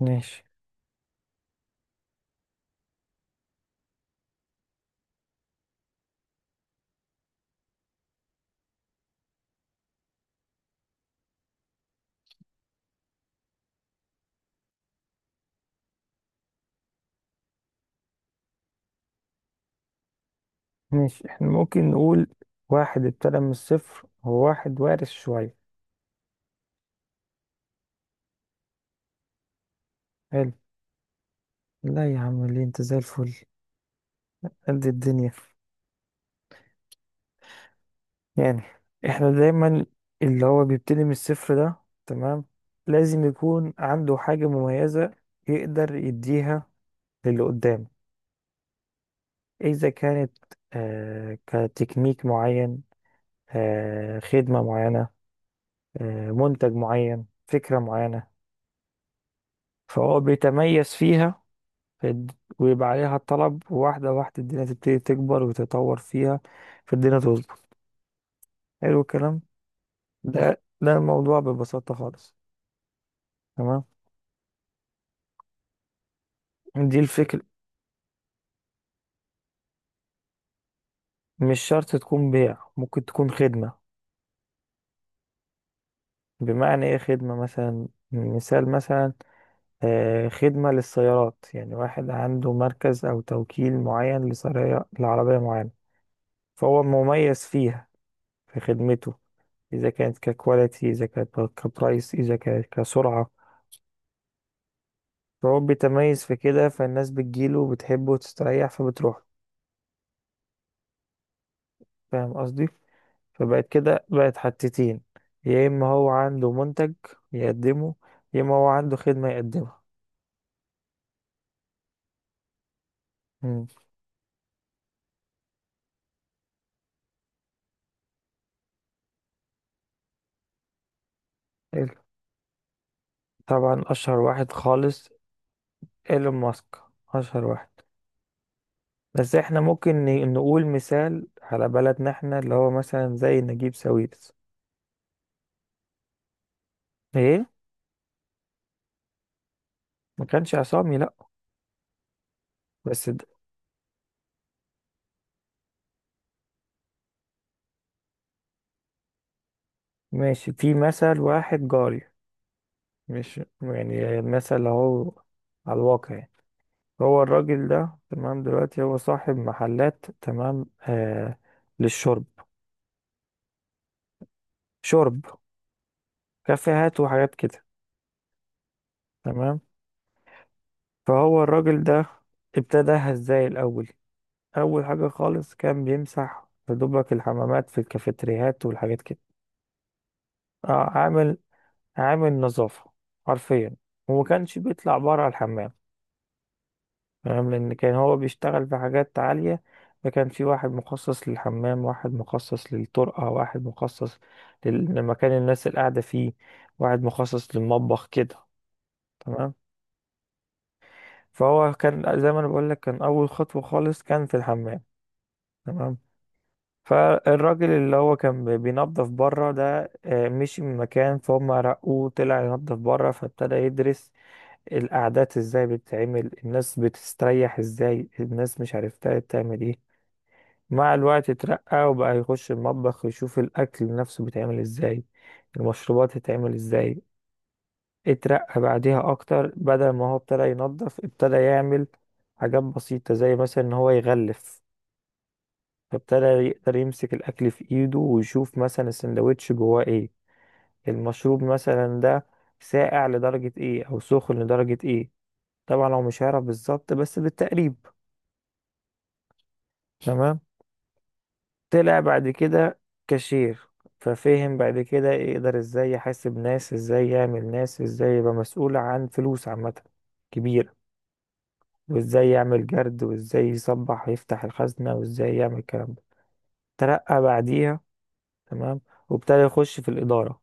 ماشي، ماشي. احنا ممكن نقول واحد ابتدى من الصفر، وواحد وارث شوية. حلو. لا يا عم، ليه؟ انت زي الفل، قد الدنيا. يعني احنا دايما اللي هو بيبتدي من الصفر ده، تمام، لازم يكون عنده حاجة مميزة يقدر يديها للي قدامه. إذا كانت كتكنيك معين، خدمة معينة، منتج معين، فكرة معينة، فهو بيتميز فيها. فد- ويبقى عليها الطلب، واحدة واحدة الدنيا تبتدي تكبر وتتطور فيها، فالدنيا تظبط. حلو الكلام. ده الموضوع ببساطة خالص. تمام، دي الفكرة. مش شرط تكون بيع، ممكن تكون خدمة. بمعنى ايه خدمة؟ مثلا، مثال مثلا، خدمة للسيارات. يعني واحد عنده مركز أو توكيل معين لعربية معينة، فهو مميز فيها، في خدمته. إذا كانت ككواليتي، إذا كانت كبرايس، إذا كانت كسرعة، فهو بيتميز في كده، فالناس بتجيله وبتحبه وتستريح فبتروح. فاهم قصدي؟ فبقت كده بقت حتتين: يا اما هو عنده منتج يقدمه، يا اما هو عنده خدمة يقدمها. مم. حلو. طبعا اشهر واحد خالص ايلون ماسك. اشهر واحد. بس احنا ممكن نقول مثال على بلدنا احنا، اللي هو مثلا زي نجيب ساويرس. ايه، ما كانش عصامي، لا. بس ده. ماشي، في مثل واحد جاري، مش يعني مثل، اهو على الواقع يعني. هو الراجل ده، تمام، دلوقتي هو صاحب محلات، تمام، للشرب. شرب، كافيهات وحاجات كده. تمام. فهو الراجل ده ابتداها ازاي الأول؟ أول حاجة خالص كان بيمسح يا دوبك الحمامات في الكافيتريات والحاجات كده. آه عامل عامل نظافة حرفيا. وما كانش بيطلع بره الحمام، فاهم؟ لأن كان هو بيشتغل في حاجات عالية، فكان في واحد مخصص للحمام، واحد مخصص للطرقة، واحد مخصص لمكان الناس اللي قاعدة فيه، واحد مخصص للمطبخ كده. تمام. فهو كان، زي ما أنا بقولك، كان أول خطوة خالص كان في الحمام. تمام. فالراجل اللي هو كان بينظف بره ده، مشي من مكان، فهم، رقوه، طلع ينظف بره، فابتدى يدرس القعدات ازاي بتتعمل، الناس بتستريح ازاي، الناس مش عرفتها بتعمل ايه. مع الوقت اترقى وبقى يخش المطبخ يشوف الأكل نفسه بيتعمل ازاي، المشروبات تتعمل ازاي. اترقى بعديها أكتر، بدل ما هو ابتدى ينظف ابتدى يعمل حاجات بسيطة، زي مثلا إن هو يغلف. فابتدى يقدر يمسك الأكل في إيده ويشوف مثلا السندوتش جواه ايه، المشروب مثلا ده ساقع لدرجة ايه أو سخن لدرجة ايه. طبعا هو مش هيعرف بالظبط، بس بالتقريب. تمام. طلع بعد كده كاشير. ففهم بعد كده يقدر ازاي يحاسب ناس، ازاي يعمل ناس، ازاي يبقى مسؤول عن فلوس عامة كبيرة، وازاي يعمل جرد، وازاي يصبح يفتح الخزنة، وازاي يعمل الكلام ده. ترقى بعديها. تمام. وابتدى يخش في الإدارة،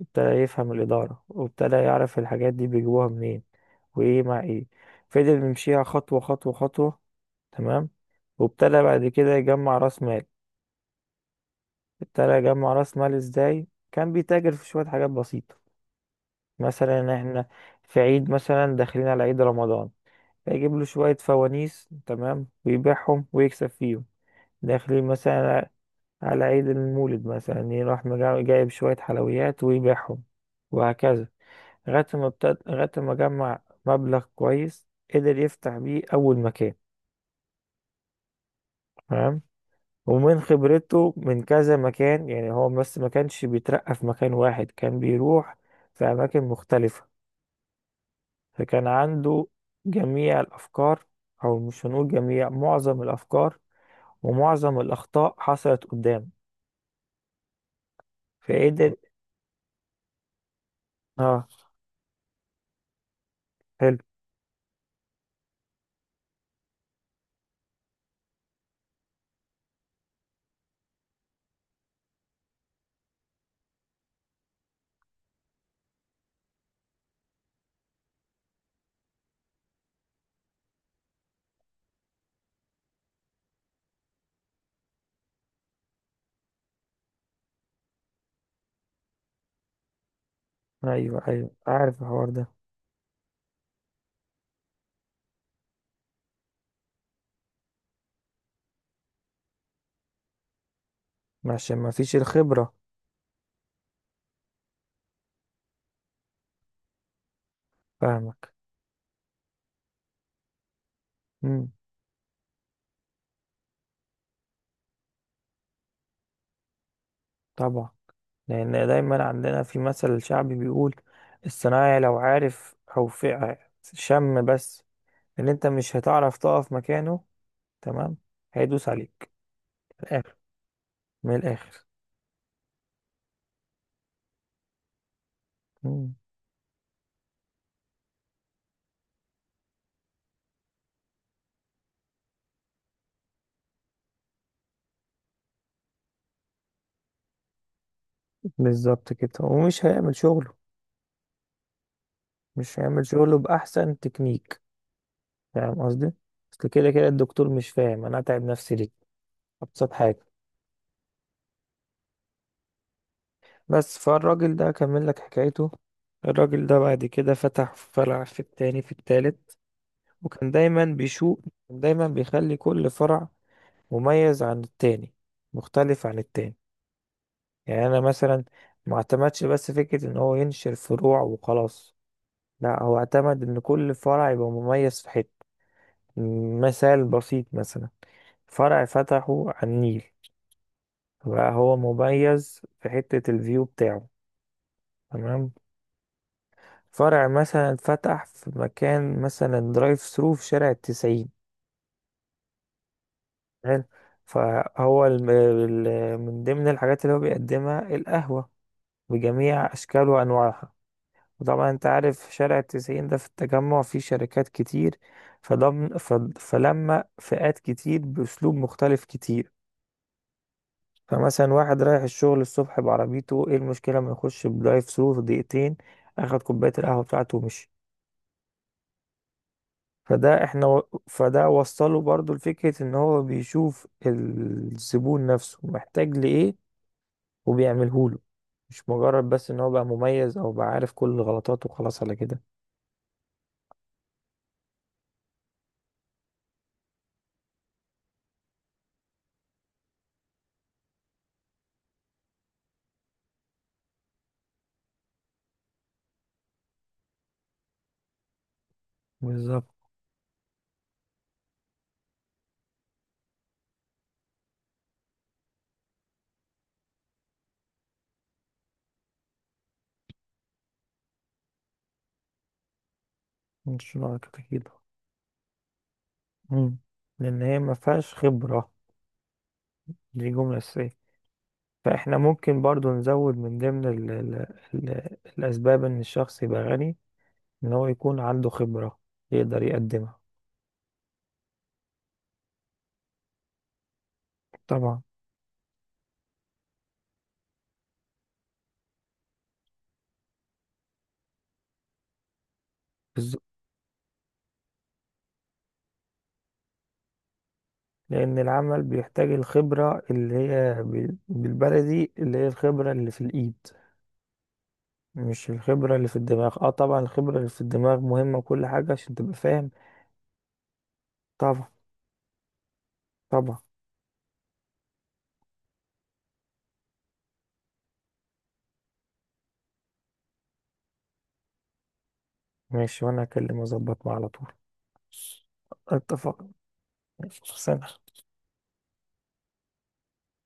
ابتدى يفهم الإدارة، وابتدى يعرف الحاجات دي بيجيبوها منين، وإيه مع إيه. فضل يمشيها خطوة خطوة خطوة. تمام. وابتدى بعد كده يجمع رأس مال. ابتدى يجمع راس مال ازاي؟ كان بيتاجر في شوية حاجات بسيطة. مثلا احنا في عيد، مثلا داخلين على عيد رمضان، فيجيب له شوية فوانيس، تمام، ويبيعهم ويكسب فيهم. داخلين مثلا على عيد المولد، مثلا يروح جايب شوية حلويات ويبيعهم، وهكذا. لغاية ما جمع مبلغ كويس، قدر يفتح بيه أول مكان. تمام. ومن خبرته من كذا مكان، يعني هو بس ما كانش بيترقى في مكان واحد، كان بيروح في أماكن مختلفة، فكان عنده جميع الأفكار، أو مش هنقول جميع، معظم الأفكار، ومعظم الأخطاء حصلت قدام، فقدر. اه، حلو. أيوه، أيوه، عارف الحوار ده. عشان ما فيش الخبرة. فاهمك. مم. طبعا، لأن دايما عندنا في مثل شعبي بيقول: الصنايعي لو عارف شم بس ان انت مش هتعرف تقف مكانه، تمام، هيدوس عليك. من الاخر، من الاخر. مم. بالظبط كده، ومش هيعمل شغله، مش هيعمل شغله باحسن تكنيك. فاهم قصدي؟ اصل كده كده الدكتور مش فاهم انا اتعب نفسي ليه، ابسط حاجه. بس فالراجل ده كمل لك حكايته. الراجل ده بعد كده فتح فرع، في التاني، في التالت، وكان دايما بيشوق، كان دايما بيخلي كل فرع مميز عن التاني، مختلف عن التاني. يعني انا مثلا ما اعتمدش بس فكرة ان هو ينشر فروع وخلاص، لا، هو اعتمد ان كل فرع يبقى مميز في حتة. مثال بسيط: مثلا فرع فتحه على النيل، بقى هو مميز في حتة الفيو بتاعه، تمام. فرع مثلا فتح في مكان، مثلا درايف ثرو في شارع التسعين، حلو. فهو من ضمن الحاجات اللي هو بيقدمها القهوة بجميع أشكال وأنواعها. وطبعا انت عارف شارع التسعين ده في التجمع فيه شركات كتير. فضم ف- فلما فئات كتير بأسلوب مختلف كتير. فمثلا واحد رايح الشغل الصبح بعربيته، ايه المشكلة ما يخش بدرايف ثرو في دقيقتين، اخد كوباية القهوة بتاعته ومشي. فده وصله برضو لفكرة ان هو بيشوف الزبون نفسه محتاج لإيه وبيعمله له، مش مجرد بس ان هو بقى مميز او بقى عارف كل غلطاته وخلاص على كده. بالظبط. مش نوع كده. مم. لأن هي ما فيهاش خبرة، دي جملة أساسية. فإحنا ممكن برضو نزود من ضمن ال ال ال الأسباب إن الشخص يبقى غني، إن هو يكون عنده خبرة يقدر يقدمها. طبعا. بالظبط. لأن العمل بيحتاج الخبرة اللي هي بالبلدي، اللي هي الخبرة اللي في الإيد، مش الخبرة اللي في الدماغ. اه طبعا الخبرة اللي في الدماغ مهمة وكل حاجة عشان تبقى فاهم. طبعا، طبعا. ماشي وأنا هكلم أظبط معاه على طول. اتفق. ماشي. سلام.